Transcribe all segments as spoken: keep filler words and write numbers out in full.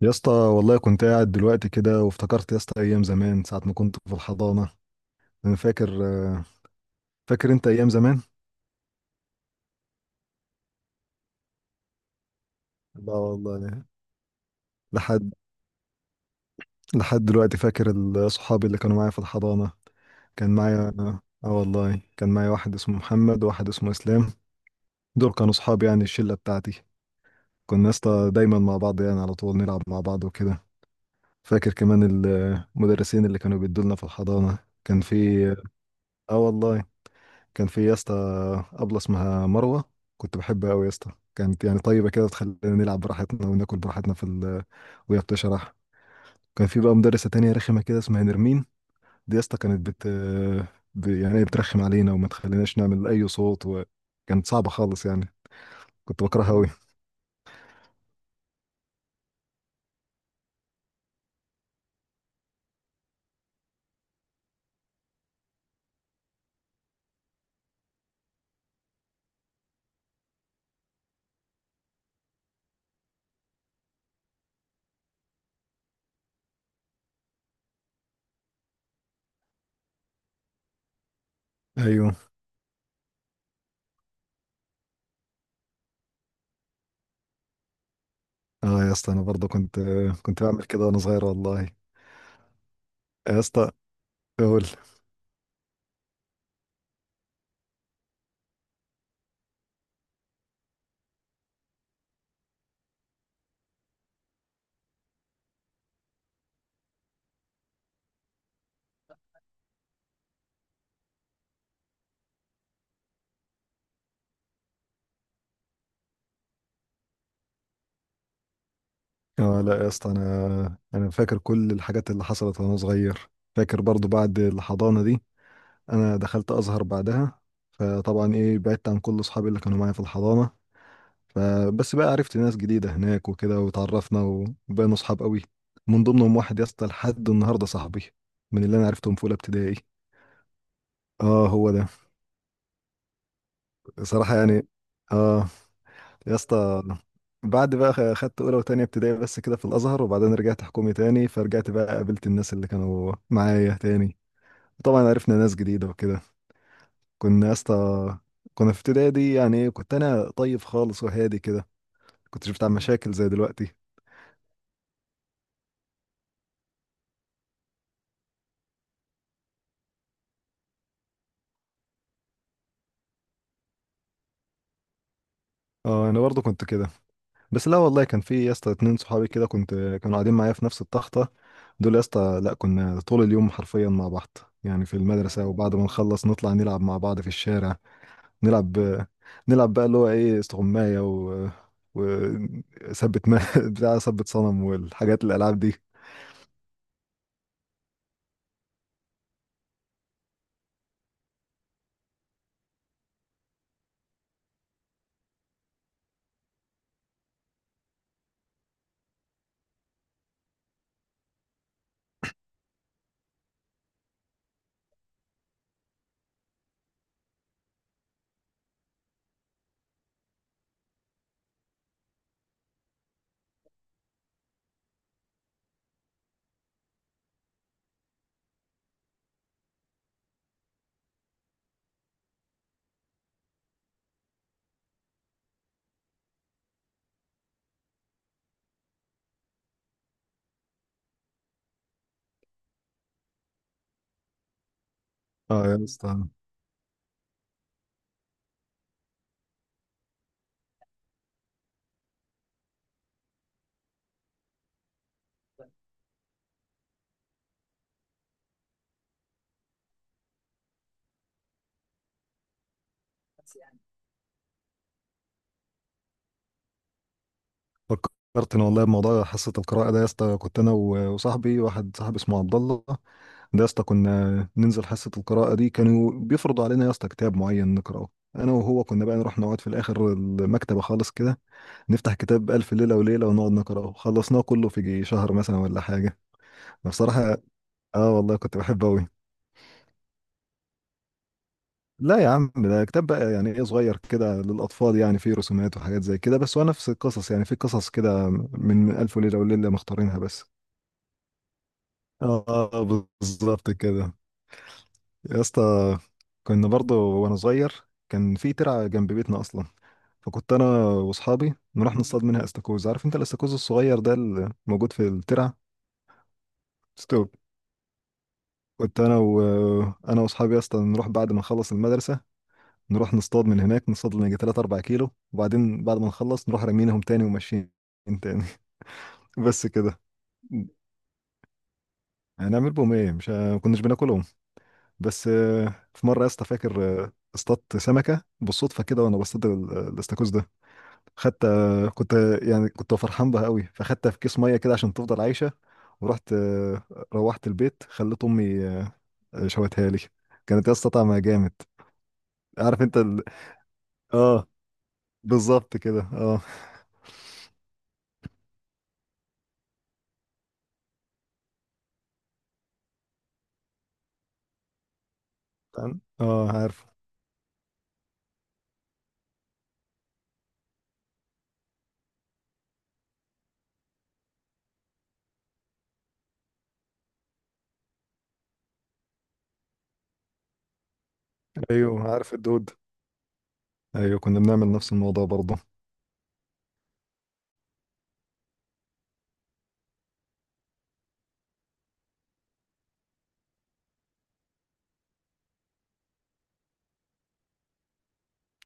يا اسطى والله كنت قاعد دلوقتي كده وافتكرت يا اسطى ايام زمان ساعه ما كنت في الحضانه. انا فاكر آه، فاكر انت ايام زمان؟ لا والله. لحد لحد دلوقتي فاكر ال- صحابي اللي كانوا معايا في الحضانه. كان معايا اه والله كان معايا واحد اسمه محمد وواحد اسمه اسلام. دول كانوا صحابي، يعني الشله بتاعتي. كنا يا اسطى دايما مع بعض، يعني على طول نلعب مع بعض وكده. فاكر كمان المدرسين اللي كانوا بيدولنا في الحضانه. كان في اه والله، كان في يا اسطى أبلة اسمها مروة. كنت بحبها أوي يا اسطى، كانت يعني طيبة كده، تخلينا نلعب براحتنا وناكل براحتنا في ال... وهي بتشرح. كان في بقى مدرسة تانية رخمة كده اسمها نرمين. دي يا اسطى كانت بت ب... يعني بترخم علينا وما تخليناش نعمل أي صوت، وكانت صعبة خالص يعني. كنت بكرهها أوي. أيوه. اه يا اسطى، أنا برضه كنت كنت بعمل كده وأنا صغير والله. يا اسطى أقول. اه لا يا اسطى، أنا أنا فاكر كل الحاجات اللي حصلت وأنا صغير. فاكر برضو بعد الحضانة دي انا دخلت ازهر بعدها. فطبعا ايه بعدت عن كل اصحابي اللي كانوا معايا في الحضانه. فبس بقى عرفت ناس جديده هناك وكده، وتعرفنا وبقينا اصحاب قوي. من ضمنهم واحد يا اسطى، لحد النهارده صاحبي، من اللي انا عرفتهم في اولى ابتدائي. اه، هو ده. صراحه يعني. اه. يا اسطى، بعد بقى خ- خدت اولى وتانية ابتدائي بس كده في الازهر، وبعدين رجعت حكومي تاني. فرجعت بقى قابلت الناس اللي كانوا معايا تاني. طبعا عرفنا ناس جديده وكده. كنا يا اسطى كنا في ابتدائي دي يعني ايه كنت انا طيب خالص وهادي كده. كنت شفت على مشاكل زي دلوقتي. اه، انا برضه كنت كده. بس لا والله، كان في يا اسطى اتنين صحابي كده، كنت كانوا قاعدين معايا في نفس التخته. دول يا اسطى لا كنا طول اليوم حرفيا مع بعض، يعني في المدرسه، وبعد ما نخلص نطلع نلعب مع بعض في الشارع. نلعب نلعب بقى اللي هو ايه استغمايه و وثبت ما بتاع ثبت صنم والحاجات الالعاب دي. اه يا اسطى. فكرت ان والله بموضوع حصه القراءه ده يا اسطى، كنت انا و- وصاحبي واحد صاحبي اسمه عبد الله. ده يا اسطى كنا ننزل حصه القراءه دي. كانوا بيفرضوا علينا يا اسطى كتاب معين نقراه. انا وهو كنا بقى نروح نقعد في الاخر المكتبه خالص كده، نفتح كتاب الف ليله وليله ونقعد نقراه. خلصناه كله في جي شهر مثلا ولا حاجه. بصراحه، اه والله كنت بحبه قوي. لا يا عم، ده كتاب بقى يعني ايه صغير كده للاطفال، يعني فيه رسومات وحاجات زي كده، بس هو نفس القصص، يعني في قصص كده من الف ليله وليله مختارينها بس. اه، بالظبط كده. يا اسطى، كنا برضه وانا صغير، كان في ترعه جنب بيتنا اصلا. فكنت انا واصحابي نروح نصطاد منها استاكوز. عارف انت الاستاكوز الصغير ده اللي موجود في الترعه. ستوب. كنت انا و... انا واصحابي اصلا نروح بعد ما نخلص المدرسه، نروح نصطاد من هناك. نصطاد لنا يجي ثلاثة أربعة كيلو، وبعدين بعد ما نخلص نروح رامينهم تاني وماشيين تاني. بس كده، هنعمل بهم ايه؟ مش ه- ما كناش بناكلهم. بس آه، في مره يا اسطى، فاكر آه، اصطدت سمكه بالصدفه كده وانا بصطاد ال- الاستاكوز ده. خدت آه، كنت آه، يعني كنت فرحان بها قوي، فخدتها في كيس ميه كده عشان تفضل عايشه. ورحت آه، روحت البيت، خليت امي آه، شوتها لي. كانت يا اسطى طعمها جامد. عارف انت ال... اه، بالظبط كده، اه. عن- اه عارف. ايوه، عارف الدود. ايوه كنا بنعمل نفس الموضوع برضه.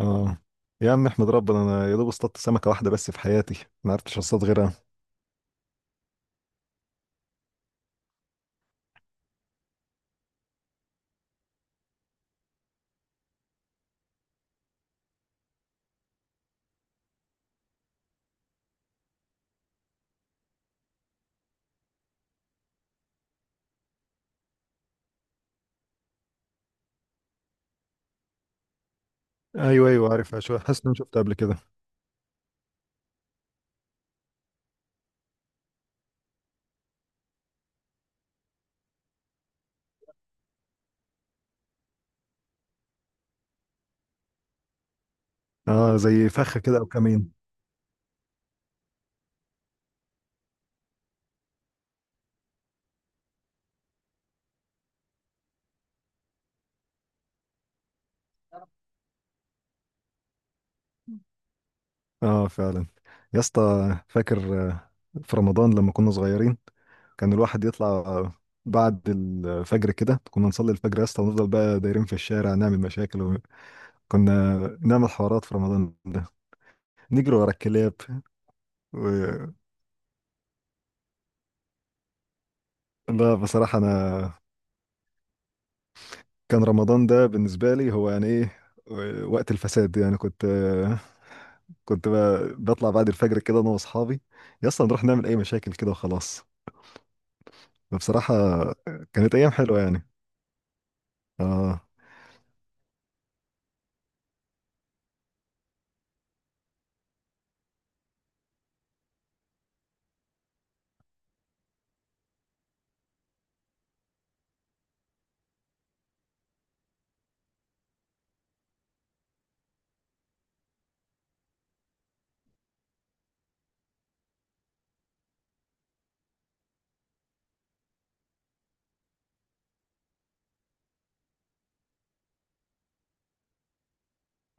اه، يا عم احمد ربنا، انا يا دوب اصطدت سمكه واحده بس في حياتي، ما عرفتش اصطاد غيرها. ايوه، ايوه، عارفها شويه، حاسس ان انا شفتها قبل كده. اه، زي فخه كده او كمين. اه فعلا. يا اسطى، فاكر آه، في رمضان لما كنا صغيرين، كان الواحد يطلع آه، بعد الفجر كده. كنا نصلي الفجر يا اسطى ونفضل بقى دايرين في الشارع نعمل مشاكل، و... كنا نعمل حوارات في رمضان ده، نجري ورا الكلاب و... لا، بصراحة أنا كان رمضان ده بالنسبة لي هو يعني إيه، وقت الفساد. يعني كنت كنت ب- بطلع بعد الفجر كده انا واصحابي يا اسطى، نروح نعمل اي مشاكل كده وخلاص. فبصراحه كانت ايام حلوه يعني. اه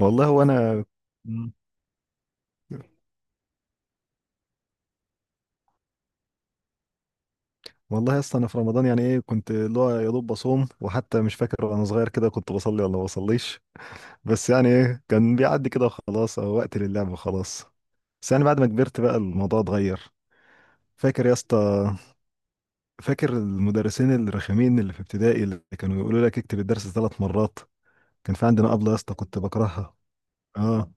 والله وانا. مم. والله يا اسطى، انا في رمضان يعني ايه كنت اللي هو يا دوب بصوم، وحتى مش فاكر وانا صغير كده كنت بصلي ولا ما بصليش. بس يعني ايه كان بيعدي كده وخلاص، او وقت للعب وخلاص. بس يعني بعد ما كبرت بقى الموضوع اتغير. فاكر يا اسطى، فاكر المدرسين الرخمين اللي في ابتدائي اللي كانوا يقولوا لك اكتب الدرس ثلاث مرات. كان في عندنا أبلة يا اسطى كنت بكرهها. اه،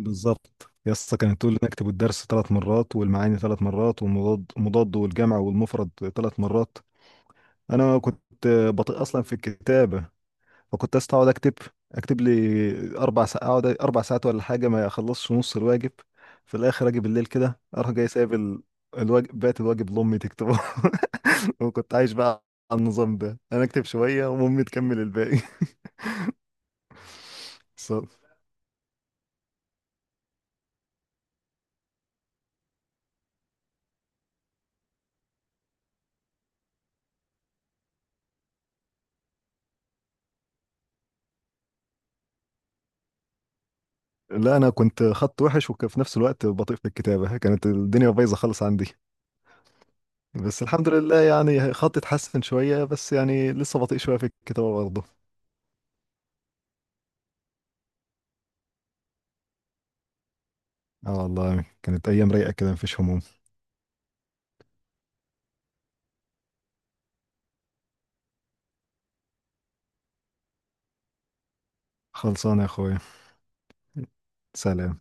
بالظبط يسطا، كانت تقول لي نكتب الدرس ثلاث مرات والمعاني ثلاث مرات والمضاد مضاد والجمع والمفرد ثلاث مرات. انا كنت بطيء اصلا في الكتابه. فكنت أسطا اقعد اكتب، اكتب لي اربع ساعات اقعد اربع ساعات ولا حاجه، ما اخلصش نص الواجب. في الاخر اجي بالليل كده اروح جاي سايب ال- الواجب، بقيت الواجب لامي تكتبه. وكنت عايش بقى على النظام ده، انا اكتب شويه وامي تكمل الباقي. بس. لا انا كنت خط وحش وفي نفس الوقت بطيء في الكتابه، كانت الدنيا بايظه خالص عندي. بس الحمد لله يعني خطي اتحسن شويه، بس يعني لسه بطيء شويه في الكتابه برضه. اه والله، كانت ايام رايقه كده، مفيش هموم. خلصانه يا اخويا. سلام.